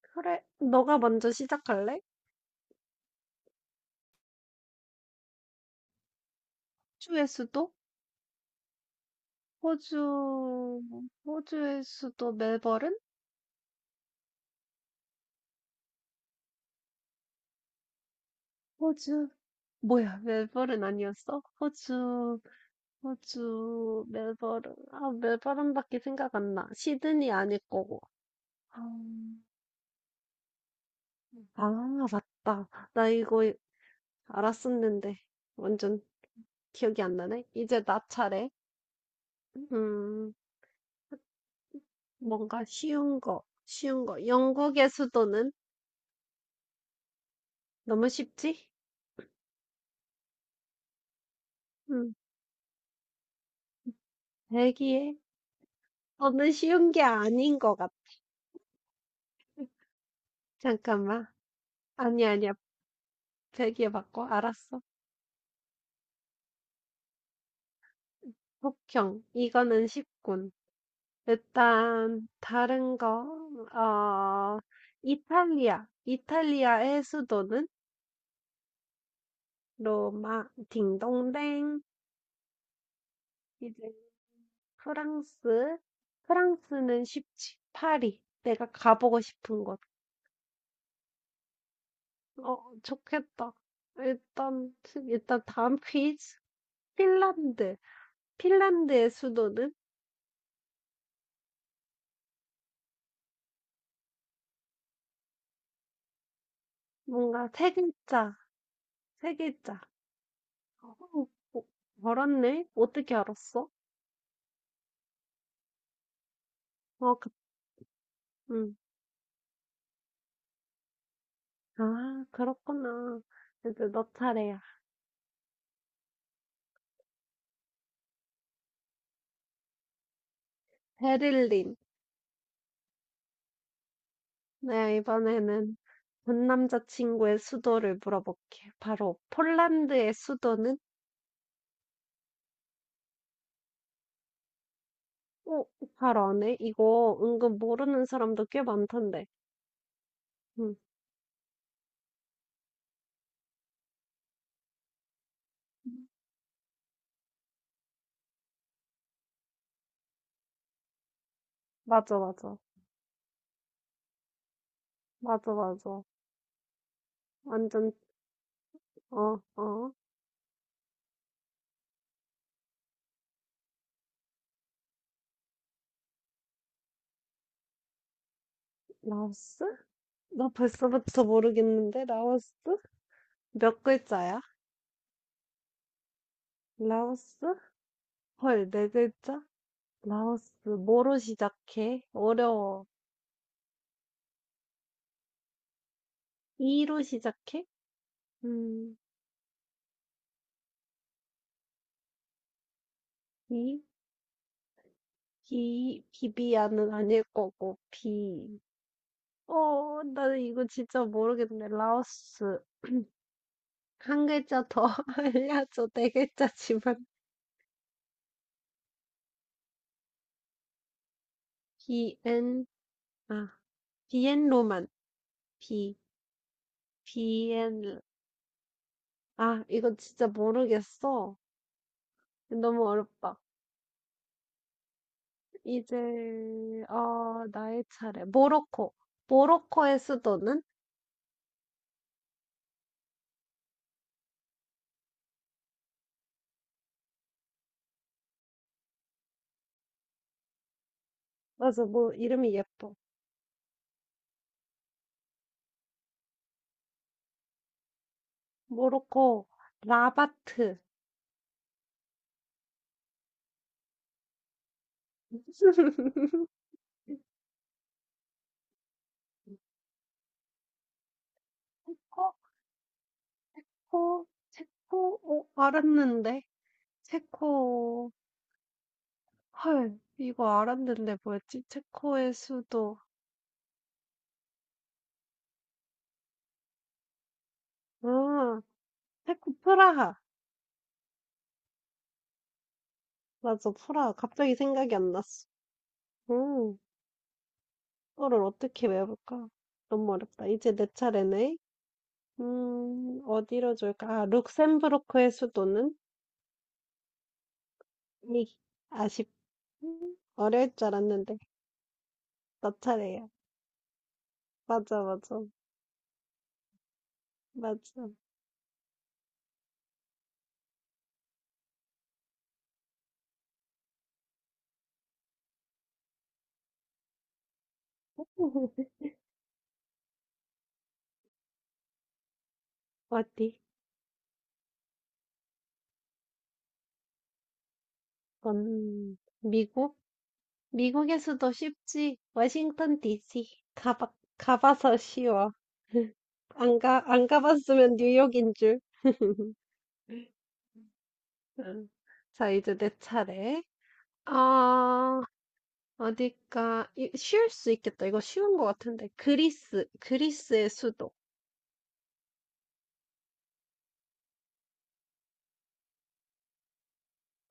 그래, 너가 먼저 시작할래? 호주의 수도? 호주, 호주의 수도 멜버른? 호주, 뭐야, 멜버른 아니었어? 호주, 호주, 멜버른. 아, 멜버른밖에 생각 안 나. 시드니 아닐 거고. 아, 아, 맞다. 나 이거 알았었는데 완전 기억이 안 나네. 이제 나 차례. 음, 뭔가 쉬운 거, 쉬운 거. 영국의 수도는 너무 쉽지? 음, 대기해. 저는 쉬운 게 아닌 것 같아 잠깐만. 아니, 아니야. 배기에 바꿔. 알았어. 폭형. 이거는 쉽군. 일단, 다른 거, 어, 이탈리아. 이탈리아의 수도는 로마, 딩동댕. 이제 프랑스. 프랑스는 쉽지. 파리. 내가 가보고 싶은 곳. 어, 좋겠다. 일단, 일단 다음 퀴즈. 핀란드. 핀란드의 수도는? 뭔가 세 글자, 세 글자. 어, 어, 알았네? 어떻게 알았어? 어, 그, 음. 아, 그렇구나. 이제 너 차례야. 베를린. 내가 이번에는 전 남자친구의 수도를 물어볼게. 바로 폴란드의 수도는? 어, 바로 아네? 이거 은근 모르는 사람도 꽤 많던데. 응, 맞아, 맞아. 맞아, 맞아. 완전, 어, 어. 라오스? 나 벌써부터 모르겠는데, 라오스? 몇 글자야? 라오스? 헐, 네 글자? 라오스. 뭐로 시작해? 어려워. 이로 시작해? 음, 이? 비, 비비안은 아닐 거고, 비. 어, 나 이거 진짜 모르겠네. 라오스. 한 글자 더 알려줘. 네 글자지만. 비엔, 아, 비엔로만. 비, 비엔, 아, 이거 진짜 모르겠어. 너무 어렵다. 이제 어 나의 차례. 모로코. 모로코의 수도는? 맞아, 뭐 이름이 예뻐. 모로코 라바트. 체코, 코, 체코, 어, 알았는데. 체코, 헐, 이거 알았는데 뭐였지? 체코의 수도. 아, 체코 프라하. 맞아, 프라하. 갑자기 생각이 안 났어. 음, 이거를 어떻게 외울까? 너무 어렵다. 이제 내 차례네. 어디로 줄까? 아, 룩셈부르크의 수도는? 이, 아쉽, 어려울 줄 알았는데. 너 차례야. 맞아, 맞아, 맞아. 어디? 미국? 미국의 수도 쉽지. 워싱턴 DC. 가봐, 가봐서 쉬워. 안 가, 안 가봤으면 뉴욕인 줄. 음. 자, 이제 내 차례. 아, 어딜까? 이- 쉬울 수 있겠다. 이거 쉬운 거 같은데. 그리스, 그리스의 수도.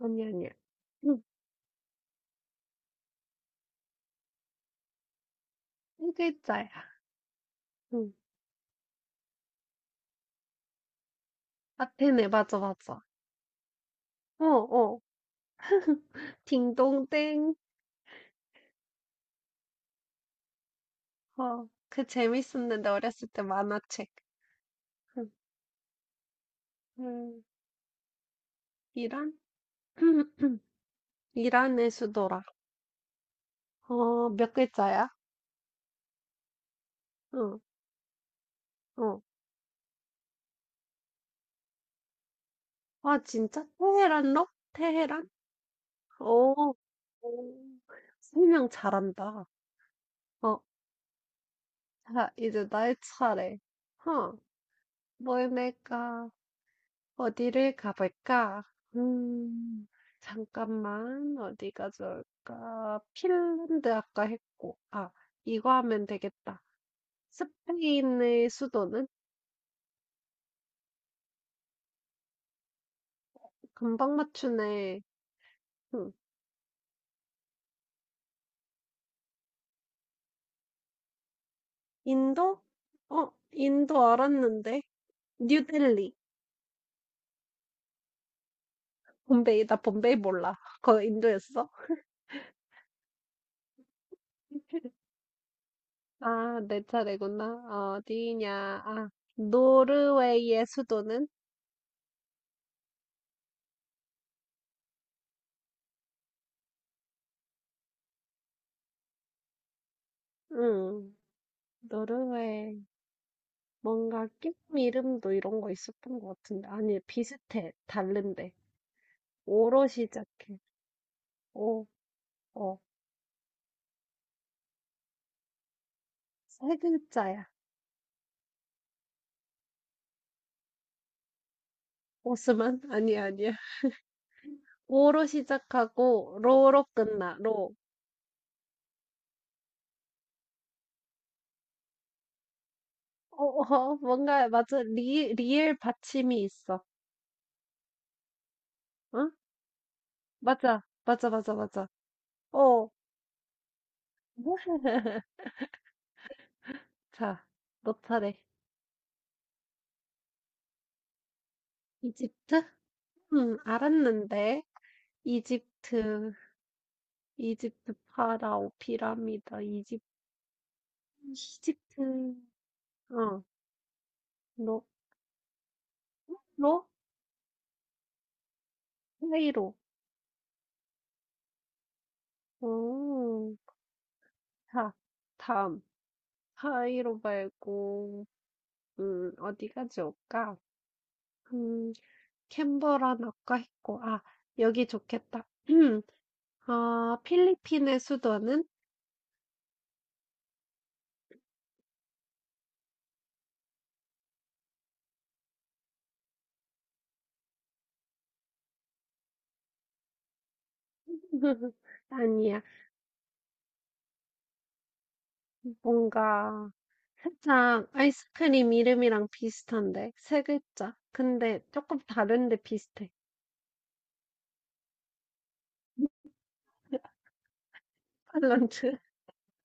아니, 아니야. 응, 한 글자야. 응. 아테네, 맞아, 맞아. 어, 어. 딩동댕. 어, 그 재밌었는데, 어렸을 때 만화책. 응, 응. 이란? 이란의 수도라. 어, 몇 글자야? 응, 어. 아, 진짜? 테헤란로? 테헤란? 오, 오. 설명 잘한다. 어, 어. 아, 이제 나의 차례. 허, 뭘 낼까? 어디를 가볼까? 음, 잠깐만, 어디가 좋을까? 핀란드 아까 했고, 아, 이거 하면 되겠다. 스페인의 수도는? 금방 맞추네. 음, 인도? 어, 인도 알았는데. 뉴델리. bombay이 나 봄베이 몰라. 그거 인도였어? 아, 내 차례구나. 어디냐. 아, 노르웨이의 수도는? 응, 노르웨이, 뭔가 끼 이름도 이런 거 있었던 것 같은데. 아니, 비슷해. 다른데. 오로 시작해. 오, 어, 세 글자야. 오스만? 아니야, 아니야. 오로 시작하고, 로로 끝나, 로. 어, 어, 뭔가, 맞아. 리, 리을 받침이 있어. 응? 맞아. 맞아, 맞아, 맞아. 어, 뭐? 자, 너 차례. 이집트? 알았는데. 이집트. 이집트 파라오 피라미드 이집트 이집트. 어로 로? 로? 카이로 오 자 다음 카이로 말고 어디가 좋을까 음 캔버라나 아까 고아 여기 좋겠다 아 필리핀의 수도는 아니야 뭔가 살짝 아이스크림 이름이랑 비슷한데 세 글자 근데 조금 다른데 비슷해 팔런트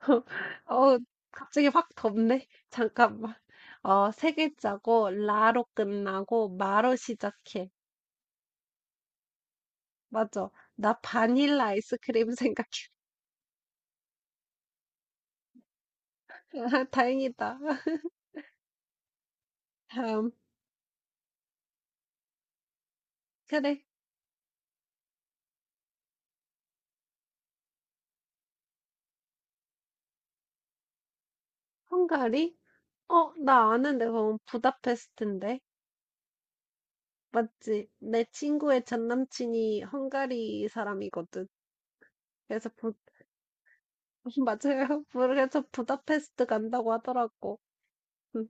어, 갑자기 확 덥네. 잠깐만. 어, 세 글자고, 라로 끝나고, 마로 시작해. 맞아. 나 바닐라 아이스크림 생각해. 다행이다. 다음. 그래. 헝가리? 어, 나 아는데, 그건 부다페스트인데. 맞지? 내 친구의 전 남친이 헝가리 사람이거든. 그래서 부, 맞아요. 그래서 부다페스트 간다고 하더라고. 응.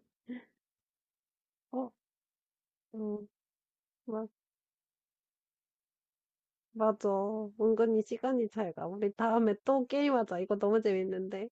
어, 응. 맞아. 은근히 시간이 잘 가. 우리 다음에 또 게임하자. 이거 너무 재밌는데.